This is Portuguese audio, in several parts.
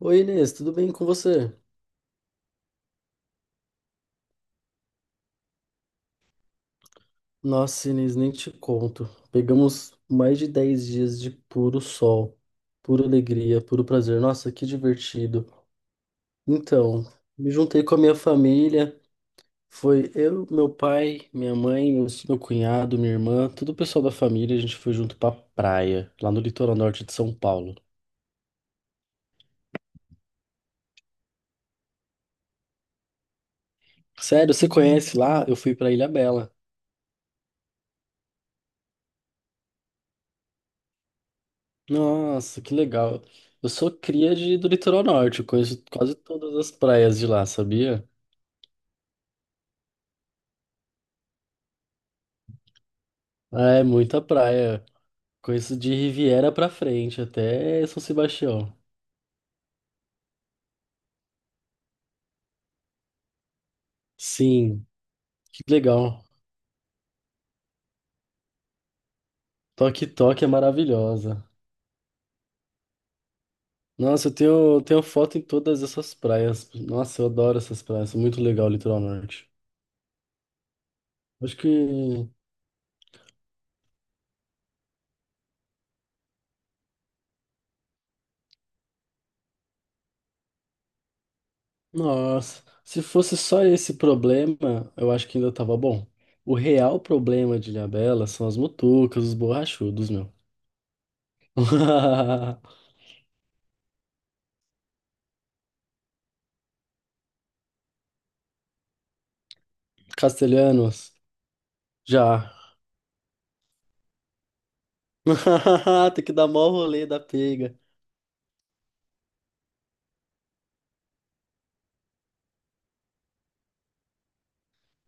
Oi, Inês, tudo bem com você? Nossa, Inês, nem te conto. Pegamos mais de 10 dias de puro sol, pura alegria, puro prazer. Nossa, que divertido. Então, me juntei com a minha família. Foi eu, meu pai, minha mãe, meu cunhado, minha irmã, todo o pessoal da família. A gente foi junto pra praia, lá no litoral norte de São Paulo. Sério, você conhece lá? Eu fui pra Ilha Bela. Nossa, que legal. Eu sou cria do litoral norte, eu conheço quase todas as praias de lá, sabia? Ah, é muita praia. Conheço de Riviera pra frente, até São Sebastião. Sim, que legal. Toque Toque é maravilhosa. Nossa, eu tenho foto em todas essas praias. Nossa, eu adoro essas praias, muito legal o litoral norte. Acho que nossa, se fosse só esse problema, eu acho que ainda tava bom. O real problema de Ilhabela são as mutucas, os borrachudos, meu. Castelhanos, já. Tem que dar mó rolê da pega.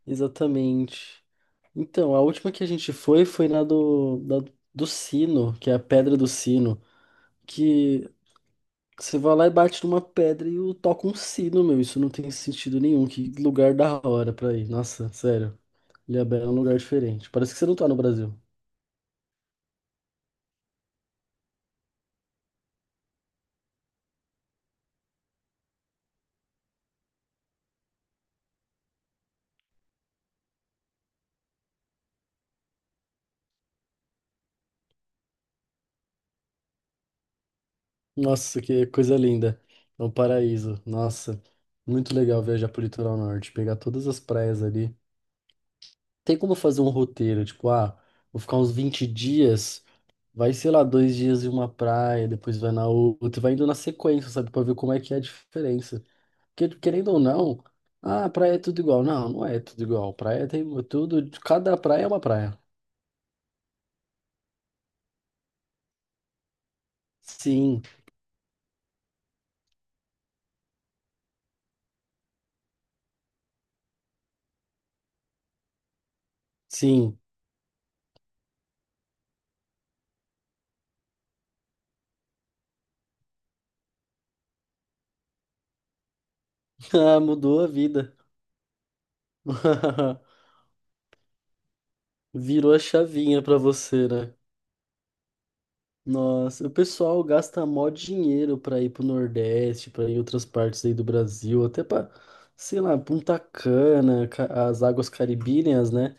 Exatamente. Então, a última que a gente foi foi na do Sino, que é a Pedra do Sino, que você vai lá e bate numa pedra e o toca um sino, meu. Isso não tem sentido nenhum. Que lugar da hora pra ir. Nossa, sério. Ilhabela é um lugar diferente. Parece que você não tá no Brasil. Nossa, que coisa linda. É um paraíso. Nossa, muito legal viajar pro litoral norte, pegar todas as praias ali. Tem como fazer um roteiro, tipo, ah, vou ficar uns 20 dias, vai, sei lá, 2 dias em uma praia, depois vai na outra, vai indo na sequência, sabe, pra ver como é que é a diferença. Querendo ou não, ah, praia é tudo igual. Não, não é tudo igual. Praia tem tudo, cada praia é uma praia. Sim, sim. Ah, mudou a vida. Virou a chavinha pra você, né? Nossa, o pessoal gasta mó dinheiro pra ir pro Nordeste, pra ir em outras partes aí do Brasil, até pra, sei lá, Punta Cana, as águas caribíneas, né?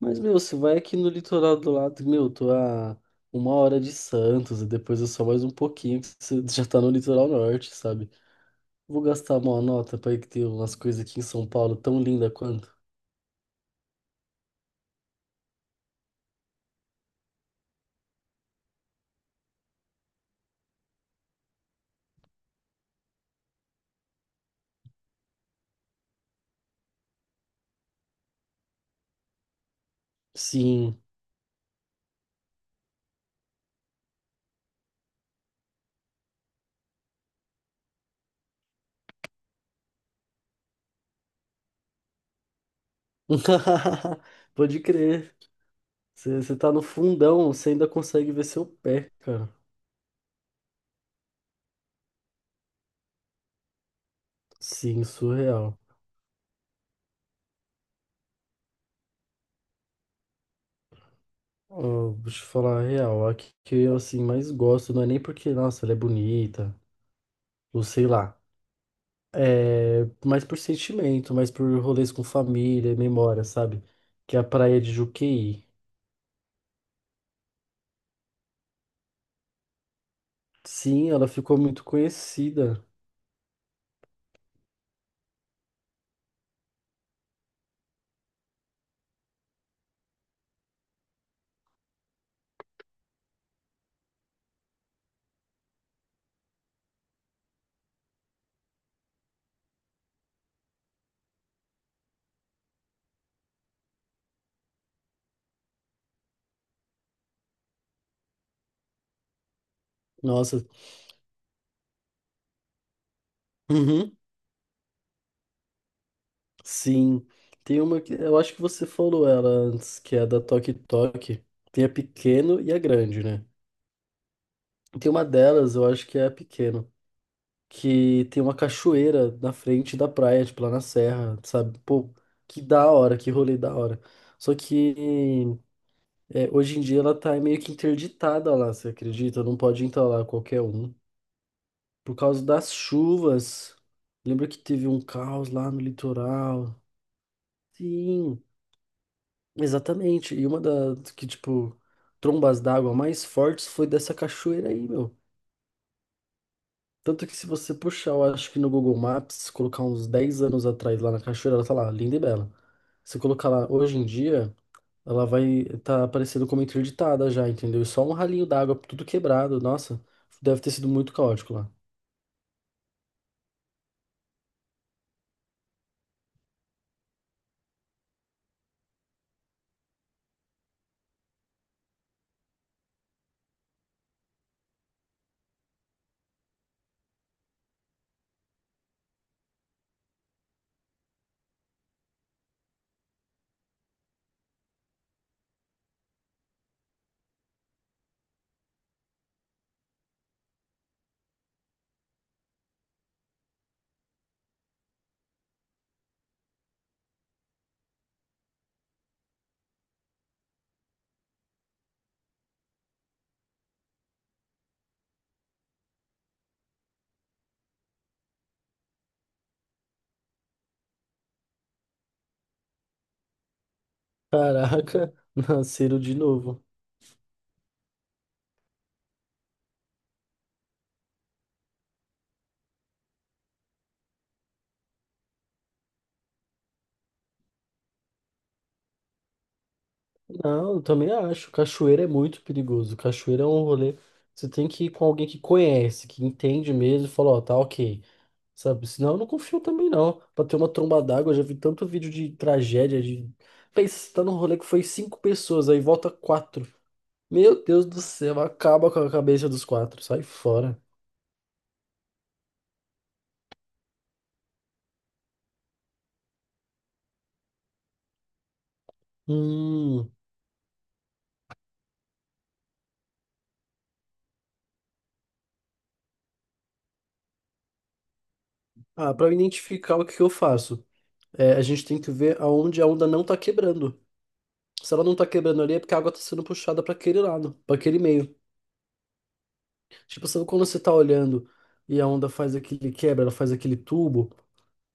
Mas, meu, você vai aqui no litoral do lado, meu, tô a 1 hora de Santos, e depois é só mais um pouquinho que você já tá no litoral norte, sabe? Vou gastar uma nota pra ir que tem umas coisas aqui em São Paulo tão linda quanto. Sim. Pode crer. Você tá no fundão, você ainda consegue ver seu pé, cara. Sim, surreal. Ó, vou te falar a real, a que eu assim mais gosto, não é nem porque, nossa, ela é bonita, ou sei lá. É, mais por sentimento, mais por rolês com família, memória, sabe? Que é a praia de Juqueí. Sim, ela ficou muito conhecida. Nossa, uhum, sim. Tem uma que eu acho que você falou ela antes, que é a da Toque Toque. Tem a pequeno e a grande, né? Tem uma delas, eu acho que é a pequeno, que tem uma cachoeira na frente da praia, tipo lá na serra, sabe? Pô, que da hora, que rolê da hora. Só que é, hoje em dia ela tá meio que interditada lá, você acredita? Não pode entrar lá qualquer um. Por causa das chuvas. Lembra que teve um caos lá no litoral? Sim, exatamente. E uma das que, tipo, trombas d'água mais fortes foi dessa cachoeira aí, meu. Tanto que se você puxar, eu acho que no Google Maps, colocar uns 10 anos atrás lá na cachoeira, ela tá lá, linda e bela. Se colocar lá hoje em dia, ela vai tá aparecendo como interditada já, entendeu? E só um ralinho d'água, tudo quebrado. Nossa, deve ter sido muito caótico lá. Caraca, nasceram de novo. Não, eu também acho. Cachoeira é muito perigoso. Cachoeira é um rolê. Você tem que ir com alguém que conhece, que entende mesmo, e fala, ó, tá ok. Sabe? Senão eu não confio também, não. Pra ter uma tromba d'água, eu já vi tanto vídeo de tragédia, de. Pensa, você tá num rolê que foi 5 pessoas, aí volta quatro. Meu Deus do céu, acaba com a cabeça dos quatro. Sai fora. Hum. Ah, para identificar o que que eu faço, é, a gente tem que ver aonde a onda não tá quebrando. Se ela não tá quebrando ali, é porque a água tá sendo puxada para aquele lado, para aquele meio. Tipo, sabe quando você tá olhando e a onda faz aquele quebra, ela faz aquele tubo,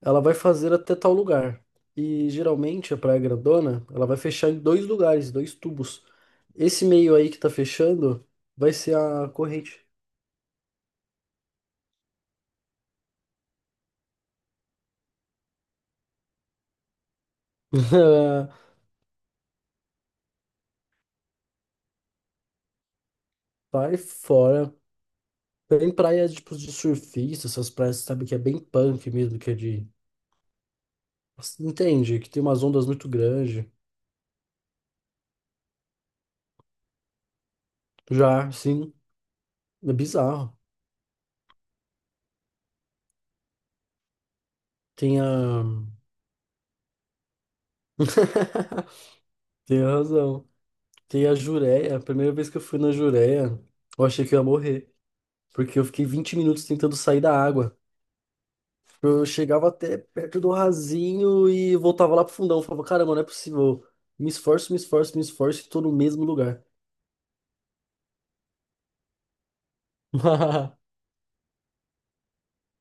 ela vai fazer até tal lugar. E geralmente a praia grandona, ela vai fechar em dois lugares, dois tubos. Esse meio aí que tá fechando vai ser a corrente. Vai fora. Tem praia, tipo, de surfista, essas praias, sabe, que é bem punk mesmo, que é de... Entende? Que tem umas ondas muito grandes. Já, sim, é bizarro. Tem a... Tem razão. Tem a Jureia. A primeira vez que eu fui na Jureia, eu achei que eu ia morrer. Porque eu fiquei 20 minutos tentando sair da água. Eu chegava até perto do rasinho e voltava lá pro fundão. Eu falava, caramba, não é possível. Me esforço, me esforço, me esforço e tô no mesmo lugar.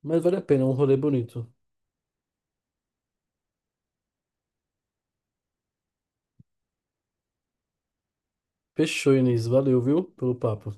Mas vale a pena, é um rolê bonito. Fechou, Inês. Valeu, viu, pelo papo.